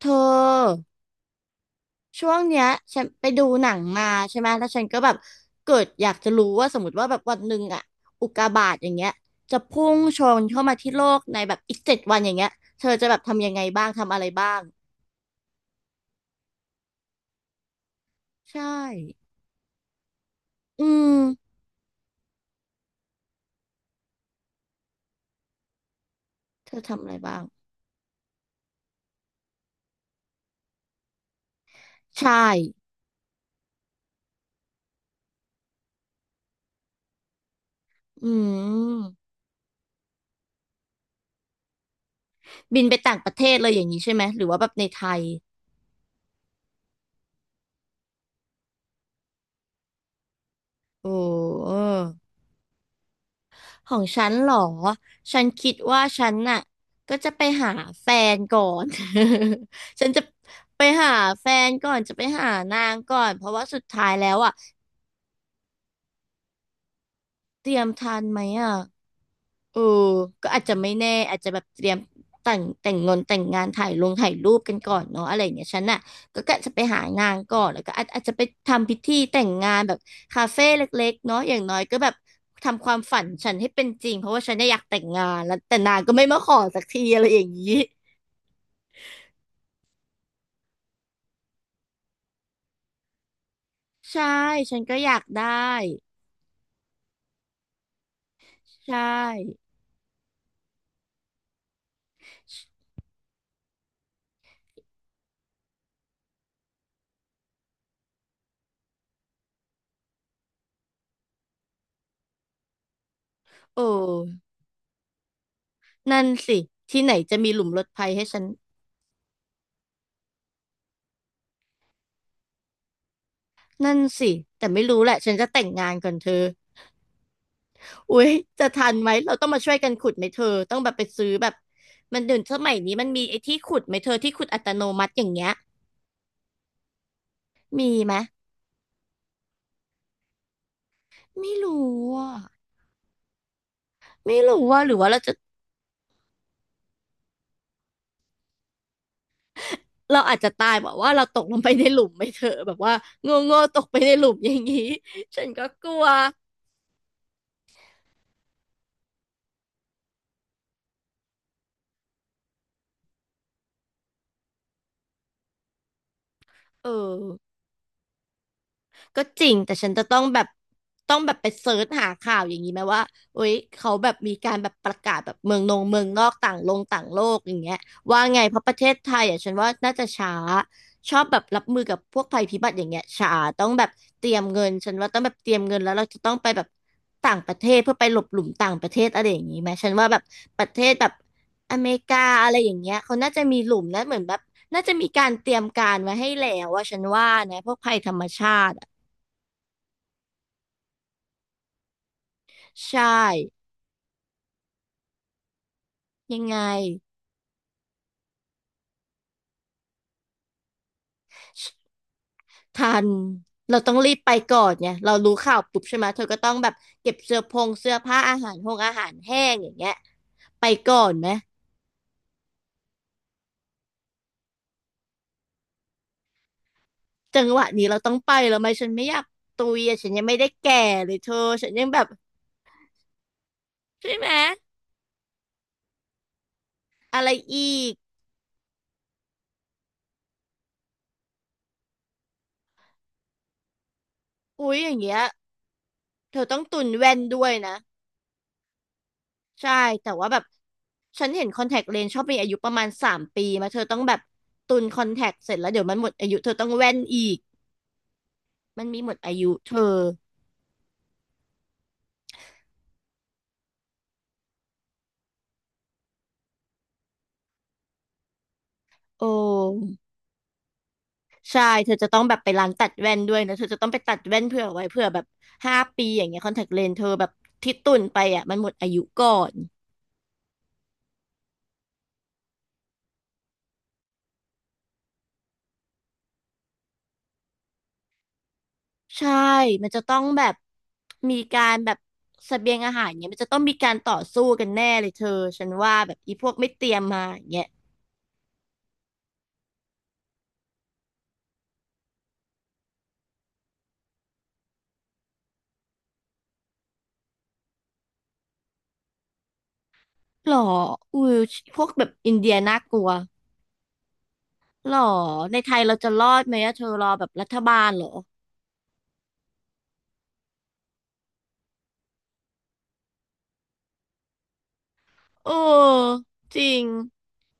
เธอช่วงเนี้ยฉันไปดูหนังมาใช่ไหมแล้วฉันก็แบบเกิดอยากจะรู้ว่าสมมติว่าแบบวันหนึ่งอะอุกกาบาตอย่างเงี้ยจะพุ่งชนเข้ามาที่โลกในแบบอีก7 วันอย่างเงี้ยเธอจะแบบทำยังไงบ้างทำอะไรบ้างใช่อืมเธอทำอะไรบ้างใช่อืมบินไปต่างประเทศเลยอย่างนี้ใช่ไหมหรือว่าแบบในไทยโอ้ ของฉันเหรอฉันคิดว่าฉันน่ะก็จะไปหาแฟนก่อน ฉันจะไปหาแฟนก่อนจะไปหานางก่อนเพราะว่าสุดท้ายแล้วอ่ะเตรียมทันไหมอ่ะ เออก็อาจจะไม่แน่อาจจะแบบเตรียมแต่งงานถ่ายรูปกันก่อนเนาะอะไรอย่างเงี้ยฉันน่ะก็กะจะไปหางานก่อนแล้วก็อาจจะไปทำพิธีแต่งงานแบบคาเฟ่เล็กๆเนาะอย่างน้อยก็แบบทำความฝันฉันให้เป็นจริงเพราะว่าฉันเนี่ยอยากแต่งงานแล้วแต่นางก็ไม่มาขอสักทีอะไรอย่างงี้ใช่ฉันก็อยากได้ใช่โอ้นั่นสิที่ไหนจะมีหลุมรถภัยให้ฉันนั่นสิแต่ไม่รู้แหละฉันจะแต่งงานก่อนเธอ อุ๊ยจะทันไหมเราต้องมาช่วยกันขุดไหมเธอต้องแบบไปซื้อแบบมันเดี๋ยวสมัยนี้มันมีไอ้ที่ขุดไหมเธอที่ขุดอัตโนมัติอย่างเงี้ยมีไหมไม่รู้อ่ะไม่รู้ว่าหรือว่าเราจะเราอาจจะตายแบบว่าเราตกลงไปในหลุมไหมเธอแบบว่าโง่ๆตกไปในหลุมอย่างงี้ฉันก็กลัวเออ ก็จริงแต่ฉันจะต้องแบบไปเซิร์ชหาข่าวอย่างนี้ไหมว่าโอ๊ยเขาแบบมีการแบบประกาศแบบเมืองนอกต่างโลกอย่างเงี้ยว่าไงเพราะประเทศไทยอ่ะฉันว่าน่าจะช้าชอบแบบรับมือกับพวกภัยพิบัติอย่างเงี้ยช้าต้องแบบเตรียมเงินฉันว่าต้องแบบเตรียมเงินแล้วเราจะต้องไปแบบต่างประเทศเพื่อไปหลบหลุมต่างประเทศอะไรอย่างนี้ไหมฉันว่าแบบประเทศแบบอเมริกาอะไรอย่างเงี้ยเขาน่าจะมีหลุมนะเหมือนแบบน่าจะมีการเตรียมการไว้ให้แล้วว่าฉันว่านะพวกภัยธรรมชาติ ใช่ยังไงทันเราต้องรีบไปก่อนไงเรารู้ข่าวปุ๊บใช่ไหมเธอก็ต้องแบบเก็บเสื้อผ้าอาหารแห้งอย่างเงี้ยไปก่อนไหมจังหวะนี้เราต้องไปแล้วไหมฉันไม่อยากตุยอะฉันยังไม่ได้แก่เลยเธอฉันยังแบบใช่ไหมอะไรอีกอุ๊ยอย่างเงี้ยเธอต้องตุนแว่นด้วยนะใช่แต่ว่าแบบฉันเห็นคอนแทคเลนส์ชอบมีอายุประมาณ3 ปีมาเธอต้องแบบตุนคอนแทคเสร็จแล้วเดี๋ยวมันหมดอายุเธอต้องแว่นอีก มันมีหมดอายุเธอโอ้ใช่เธอจะต้องแบบไปร้านตัดแว่นด้วยนะเธอจะต้องไปตัดแว่นเผื่อไว้เผื่อแบบ5 ปีอย่างเงี้ยคอนแทคเลนเธอแบบที่ตุ่นไปอ่ะมันหมดอายุก่อนใช่มันจะต้องแบบมีการแบบเสบียงอาหารเงี้ยมันจะต้องมีการต่อสู้กันแน่เลยเธอฉันว่าแบบอีพวกไม่เตรียมมาอย่างเงี้ยหรออุ้ยพวกแบบอินเดียน่ากลัวหรอในไทยเราจะรอดไหมอะเธอรอแบบรัฐบาลเหรอ เออจริง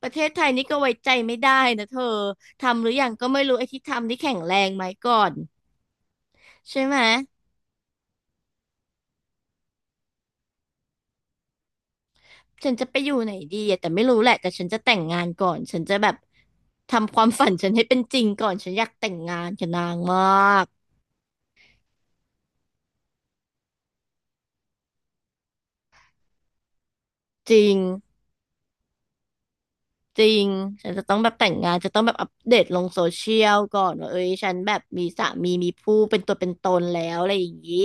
ประเทศไทยนี่ก็ไว้ใจไม่ได้นะเธอทำหรือยังก็ไม่รู้ไอ้ที่ทำนี่แข็งแรงไหมก่อนใช่ไหมฉันจะไปอยู่ไหนดีอะแต่ไม่รู้แหละแต่ฉันจะแต่งงานก่อนฉันจะแบบทำความฝันฉันให้เป็นจริงก่อนฉันอยากแต่งงานกับนางมากจริงจริงฉันจะต้องแบบแต่งงานจะต้องแบบอัปเดตลงโซเชียลก่อนว่าเอ้ยฉันแบบมีสามีมีผู้เป็นตัวเป็นตนแล้วอะไรอย่างนี้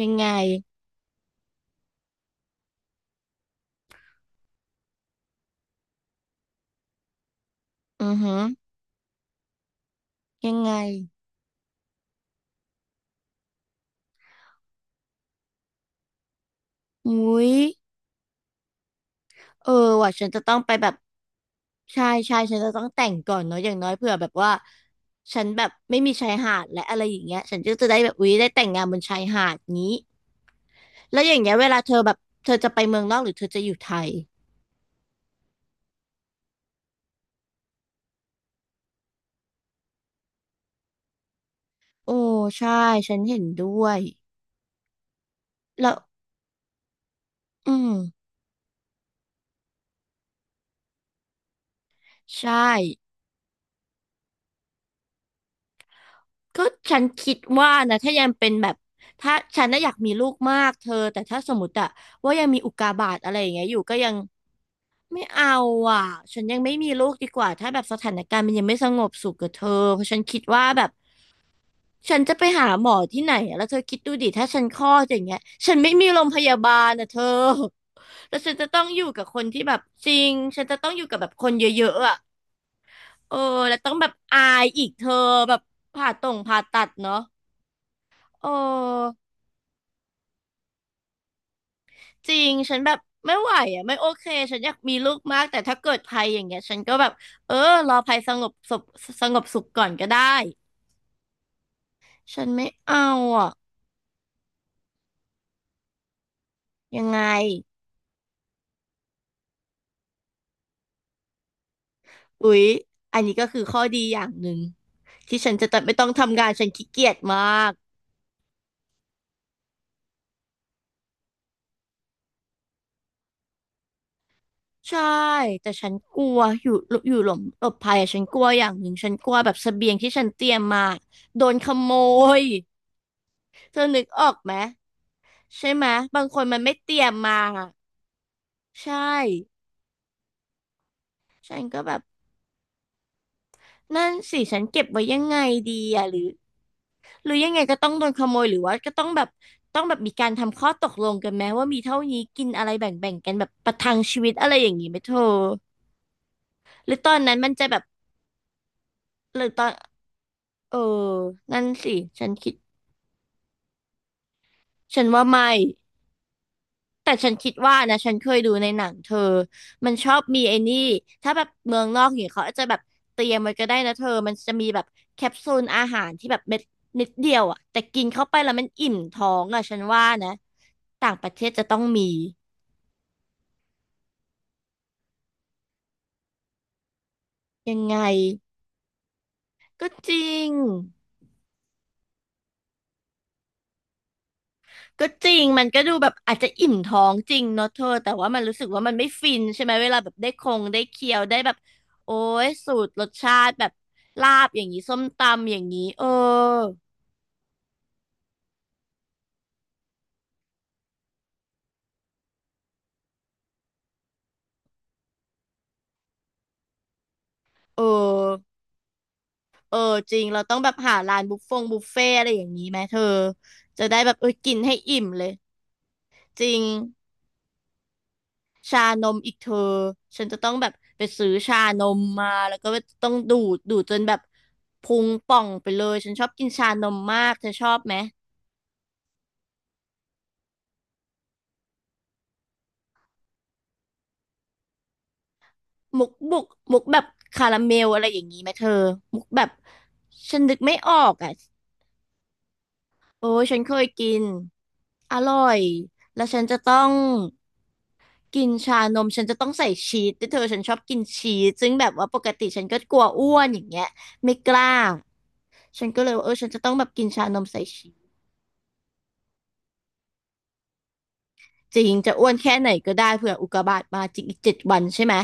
ยังไงอือฮึยังไงอุ้ย เออว่ะฉันจะต้องไปแบบใช่ใช่ฉันจะต้องแต่งก่อนเนาะอย่างน้อยเผื่อแบบว่าฉันแบบไม่มีชายหาดและอะไรอย่างเงี้ยฉันก็จะได้แบบอุ๊ยได้แต่งงานบนชายหาดงี้แล้วอย่างเงี้ยเวลาเธอแบบเธอจะไปเมืองนอกหรือเธอจะอยู่ไทยโอ้ใช่ฉันเห็นด้วยแล้วอืมใช่ก็ฉันคิดว่านะถ้ายังเป็นแบบถ้าฉันน่ะอยากมีลูกมากเธอแต่ถ้าสมมติอะว่ายังมีอุกกาบาตอะไรอย่างเงี้ยอยู่ก็ยัง ไม่เอาอ่ะฉันยังไม่มีลูกดีกว่าถ้าแบบสถานการณ์มันยังไม่สงบสุขกับเธอเพราะฉันคิดว่าแบบฉันจะไปหาหมอที่ไหนอะแล้วเธอคิดดูดิถ้าฉันคลอดอย่างเงี้ยฉันไม่มีโรงพยาบาลอ่ะเธอแล้วฉันจะต้องอยู่กับคนที่แบบจริงฉันจะต้องอยู่กับแบบคนเยอะๆอ่ะเออแล้วต้องแบบอายอีกเธอแบบผ่าตรงผ่าตัดเนาะเออ จริง ฉันแบบไม่ไหวอ่ะไม่โอเค ฉันอยากมีลูกมาก แต่ถ้าเกิดภัยอย่างเงี้ยฉันก็แบบเออรอภัยสงบสุขสงบสุขก่อนก็ได้ ฉันไม่เอาอ่ะยังไง อุ๊ยอันนี้ก็คือข้อดีอย่างหนึ่งที่ฉันจะไม่ต้องทำงานฉันขี้เกียจมากใช่แต่ฉันกลัวอยู่อยู่หลบภัยอะฉันกลัวอย่างหนึ่งฉันกลัวแบบเสบียงที่ฉันเตรียมมาโดนขโมยเธอนึกออกไหมใช่ไหมบางคนมันไม่เตรียมมาใช่ ฉันก็แบบนั่นสิฉันเก็บไว้ยังไงดีอะหรือหรือยังไงก็ต้องโดนขโมยหรือว่าก็ต้องแบบต้องแบบมีการทำข้อตกลงกันไหมว่ามีเท่านี้กินอะไรแบ่งแบ่งกันแบบประทังชีวิตอะไรอย่างนี้ไหมเธอหรือตอนนั้นมันจะแบบหรือตอนเออนั่นสิฉันคิดฉันว่าไม่ แต่ฉันคิดว่านะฉันเคยดูในหนังเธอมันชอบมีไอ้นี่ ถ้าแบบเมืองนอกอย่างเงี้ยเขาอาจจะแบบเตรียมไว้ก็ได้นะเธอมันจะมีแบบแคปซูลอาหารที่แบบเม็ดนิดเดียวอ่ะแต่กินเข้าไปแล้วมันอิ่มท้องอ่ะฉันว่านะต่างประเทศจะต้องมียังไงก็จริงก็จริงมันก็ดูแบบอาจจะอิ่มท้องจริงเนาะเธอแต่ว่ามันรู้สึกว่ามันไม่ฟินใช่ไหมเวลาแบบได้คงได้เคี้ยวได้แบบโอ้ยสูตรรสชาติแบบลาบอย่างนี้ส้มตำอย่างนี้เออ เออเออจริงเราต้องแบบหาร้านบุฟเฟ่อะไรอย่างนี้ไหมเธอจะได้แบบเออกินให้อิ่มเลยจริงชานมอีกเธอฉันจะต้องแบบไปซื้อชานมมาแล้วก็ต้องดูดดูดจนแบบพุงป่องไปเลยฉันชอบกินชานมมากเธอชอบไหมมุกบุกมุกแบบคาราเมลอะไรอย่างนี้ไหมเธอมุกแบบฉันนึกไม่ออกอ่ะโอ้ยฉันเคยกินอร่อยแล้วฉันจะต้อง กินชานมฉันจะต้องใส่ชีสแต่เธอฉันชอบกินชีสซึ่งแบบว่าปกติฉันก็กลัวอ้วนอย่างเงี้ยไม่กล้าฉันก็เลยว่าเออฉันจะต้องแบบกินชานมใส่ชีสจริงจะอ้วนแค่ไหนก็ได้เผื่ออุกกาบาตมาจริงอีก7 วันใช่ไหม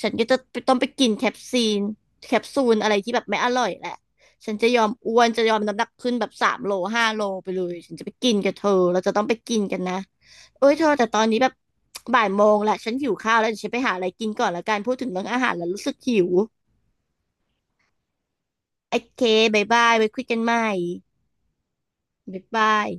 ฉันก็จะต้องไปกินแคปซูลอะไรที่แบบไม่อร่อยแหละฉันจะยอมอ้วนจะยอมน้ำหนักขึ้นแบบ3 โล5 โลไปเลยฉันจะไปกินกับเธอเราจะต้องไปกินกันนะเอ้ยเธอแต่ตอนนี้แบบบ่ายโมงละฉันหิวข้าวแล้วเดี๋ยวฉันไปหาอะไรกินก่อนละกันพูดถึงเรื่องอาหารแล้วรู้สึกหิว โอเคบายบายไว้คุยกันใหม่บายบาย